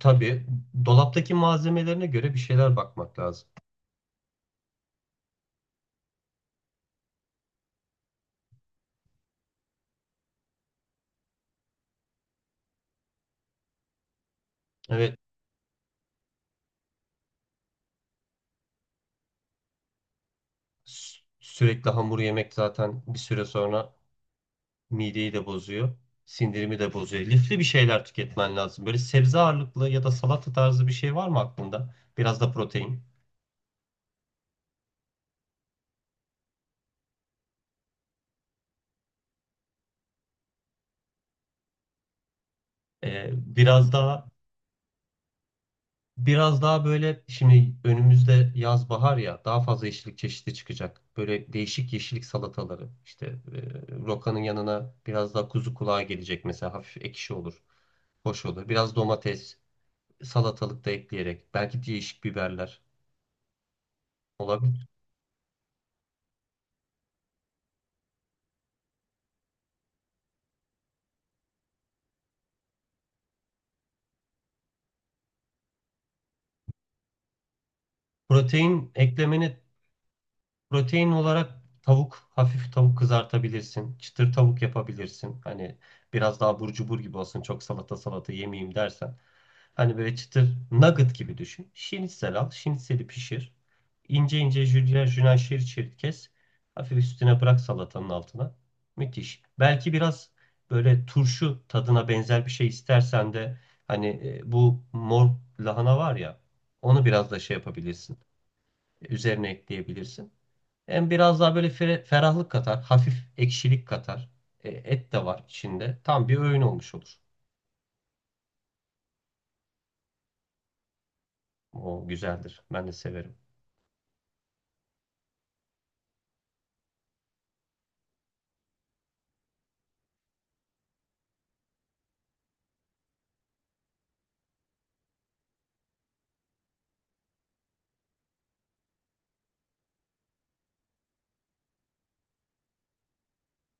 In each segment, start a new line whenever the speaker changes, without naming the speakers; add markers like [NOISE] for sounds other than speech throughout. Tabii, dolaptaki malzemelerine göre bir şeyler bakmak lazım. Evet, sürekli hamur yemek zaten bir süre sonra mideyi de bozuyor, sindirimi de bozuyor. Lifli bir şeyler tüketmen lazım. Böyle sebze ağırlıklı ya da salata tarzı bir şey var mı aklında? Biraz da protein, ee, biraz daha Biraz daha böyle şimdi önümüzde yaz bahar ya daha fazla yeşillik çeşidi çıkacak. Böyle değişik yeşillik salataları işte rokanın yanına biraz daha kuzu kulağı gelecek mesela hafif ekşi olur. Hoş olur. Biraz domates, salatalık da ekleyerek belki değişik biberler olabilir. Protein eklemeni Protein olarak tavuk, hafif tavuk kızartabilirsin. Çıtır tavuk yapabilirsin. Hani biraz daha burcu cubur gibi olsun. Çok salata salata yemeyeyim dersen. Hani böyle çıtır nugget gibi düşün. Şinitsel al. Şinitseli pişir. İnce ince jülyen jülyen şerit şerit kes. Hafif üstüne bırak salatanın altına. Müthiş. Belki biraz böyle turşu tadına benzer bir şey istersen de hani bu mor lahana var ya, onu biraz da şey yapabilirsin. Üzerine ekleyebilirsin. Hem biraz daha böyle ferahlık katar, hafif ekşilik katar. E, et de var içinde. Tam bir öğün olmuş olur. O güzeldir. Ben de severim.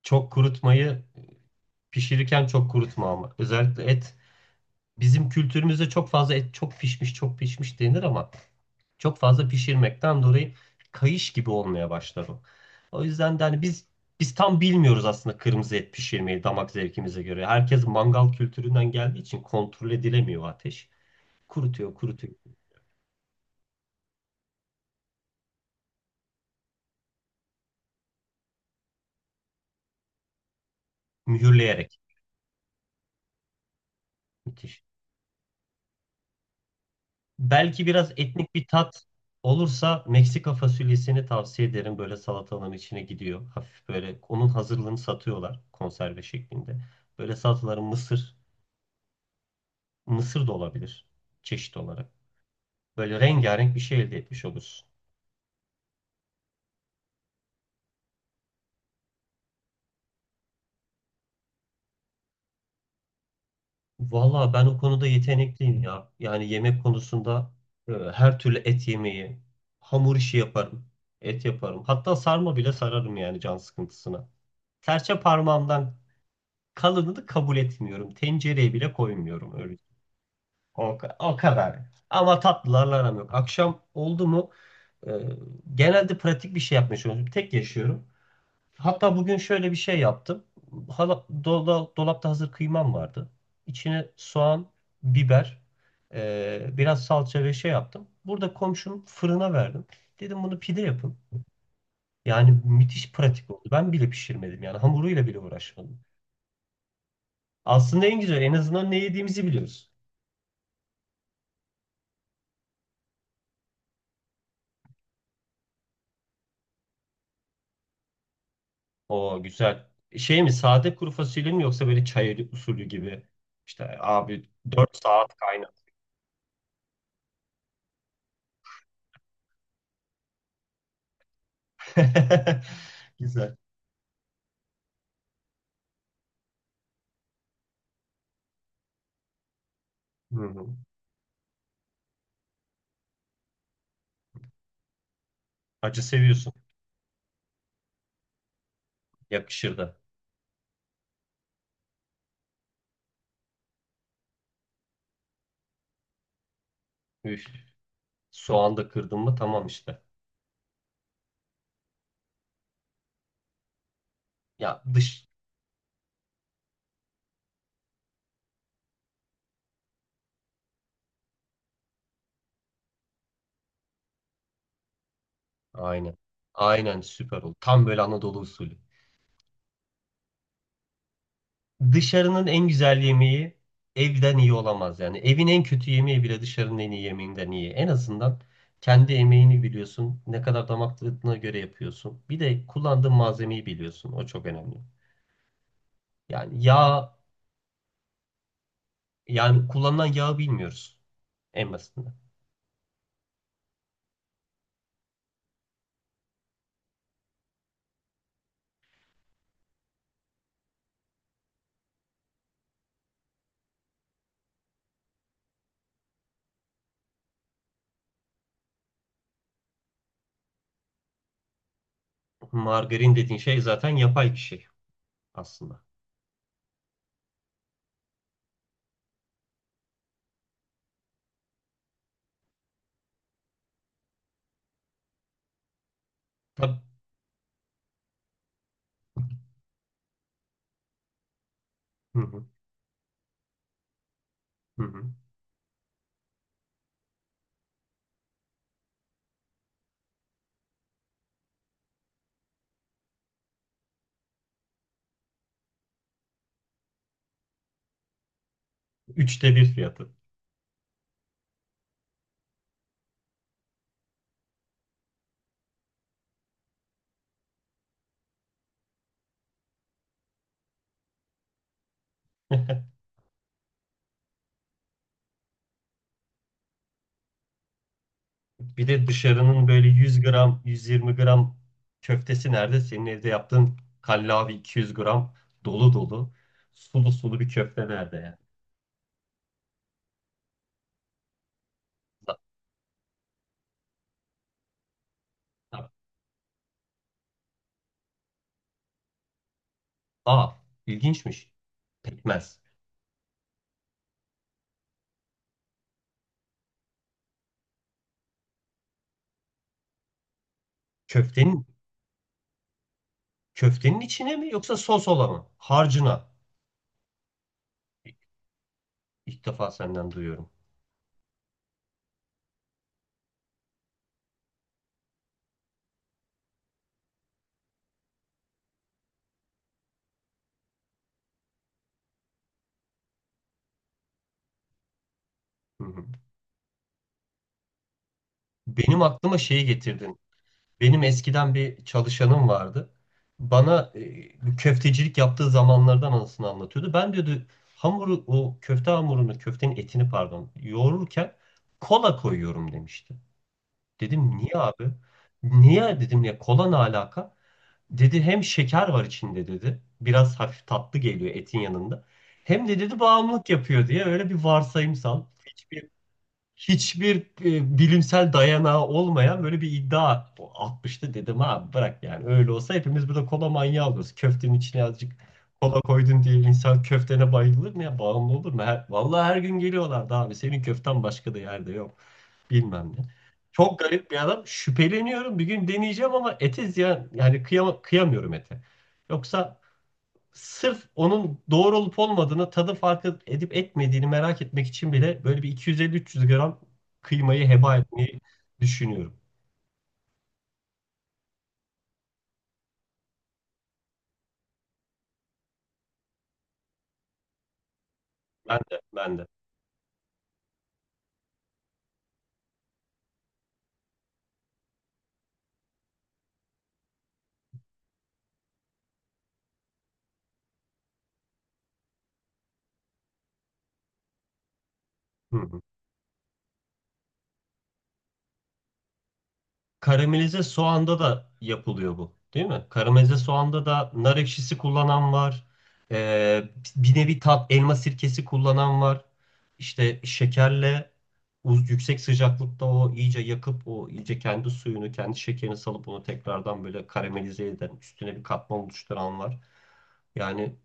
Çok kurutmayı pişirirken çok kurutma ama. Özellikle et. Bizim kültürümüzde çok fazla et çok pişmiş, çok pişmiş denir ama çok fazla pişirmekten dolayı kayış gibi olmaya başlar o. O yüzden de hani biz tam bilmiyoruz aslında kırmızı et pişirmeyi damak zevkimize göre. Herkes mangal kültüründen geldiği için kontrol edilemiyor ateş. Kurutuyor, kurutuyor. Mühürleyerek. Müthiş. Belki biraz etnik bir tat olursa Meksika fasulyesini tavsiye ederim. Böyle salatalığın içine gidiyor. Hafif böyle onun hazırlığını satıyorlar konserve şeklinde. Böyle salataların mısır da olabilir çeşit olarak. Böyle rengarenk bir şey elde etmiş olursun. Valla ben o konuda yetenekliyim ya. Yani yemek konusunda her türlü et yemeği, hamur işi yaparım, et yaparım. Hatta sarma bile sararım yani can sıkıntısına. Serçe parmağımdan kalınını kabul etmiyorum. Tencereye bile koymuyorum öyle. O kadar. Ama tatlılarla aram yok. Akşam oldu mu e, genelde pratik bir şey yapmaya çalışıyorum. Tek yaşıyorum. Hatta bugün şöyle bir şey yaptım. Hala, dolapta hazır kıymam vardı. İçine soğan, biber, biraz salça ve şey yaptım. Burada komşum fırına verdim. Dedim bunu pide yapın. Yani müthiş pratik oldu. Ben bile pişirmedim yani hamuruyla bile uğraşmadım. Aslında en güzel en azından ne yediğimizi biliyoruz. O güzel. Şey mi, sade kuru fasulye mi yoksa böyle çay usulü gibi? İşte abi 4 saat kaynar. [LAUGHS] Güzel. Hı hı. Acı seviyorsun. Yakışır da. Üf. Soğan da kırdın mı tamam işte. Ya dış. Aynen. Aynen süper oldu. Tam böyle Anadolu usulü. Dışarının en güzel yemeği evden iyi olamaz yani. Evin en kötü yemeği bile dışarının en iyi yemeğinden iyi. En azından kendi emeğini biliyorsun. Ne kadar damak tadına göre yapıyorsun. Bir de kullandığın malzemeyi biliyorsun. O çok önemli. Yani yağ, yani kullanılan yağı bilmiyoruz en basitinden. Margarin dediğin şey zaten yapay bir şey aslında. Tabii. Hı hı, hı hı. Üçte bir fiyatı. [LAUGHS] Bir de dışarının böyle 100 gram, 120 gram köftesi nerede? Senin evde yaptığın kallavi 200 gram dolu dolu, sulu sulu bir köfte nerede yani? Aa, ilginçmiş. Pekmez. Köftenin köftenin içine mi yoksa sos olan mı? Harcına. İlk ilk defa senden duyuyorum. Hı hı. Benim aklıma şeyi getirdin. Benim eskiden bir çalışanım vardı. Bana köftecilik yaptığı zamanlardan anısını anlatıyordu. Ben diyordu hamuru o köfte hamurunu, köftenin etini pardon, yoğururken kola koyuyorum demişti. Dedim niye abi? Niye dedim ya, kola ne alaka? Dedi hem şeker var içinde dedi. Biraz hafif tatlı geliyor etin yanında. Hem de dedi bağımlılık yapıyor diye öyle bir varsayımsal. Hiçbir bilimsel dayanağı olmayan böyle bir iddia atmıştı. Dedim abi bırak, yani öyle olsa hepimiz burada kola manyağı oluruz. Köftenin içine azıcık kola koydun diye insan köftene bayılır mı, ya bağımlı olur mu? Her, vallahi her gün geliyorlardı abi, senin köften başka da yerde yok bilmem ne. Çok garip bir adam, şüpheleniyorum, bir gün deneyeceğim ama ete ziyan yani, kıyamıyorum ete. Yoksa sırf onun doğru olup olmadığını, tadı farkı edip etmediğini merak etmek için bile böyle bir 250-300 gram kıymayı heba etmeyi düşünüyorum. Ben de. Hı hı. Karamelize soğanda da yapılıyor bu, değil mi? Karamelize soğanda da nar ekşisi kullanan var. Ee, bir nevi tat elma sirkesi kullanan var. İşte şekerle yüksek sıcaklıkta o iyice yakıp o iyice kendi suyunu, kendi şekerini salıp onu tekrardan böyle karamelize eden, üstüne bir katman oluşturan var. Yani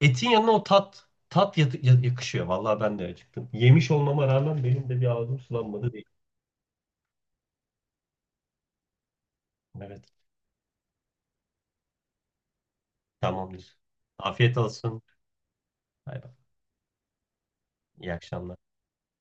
etin yanına o tat yakışıyor. Vallahi ben de acıktım. Yemiş olmama rağmen benim de bir ağzım sulanmadı değil. Evet, tamamdır. Afiyet olsun. Bay bay. İyi akşamlar.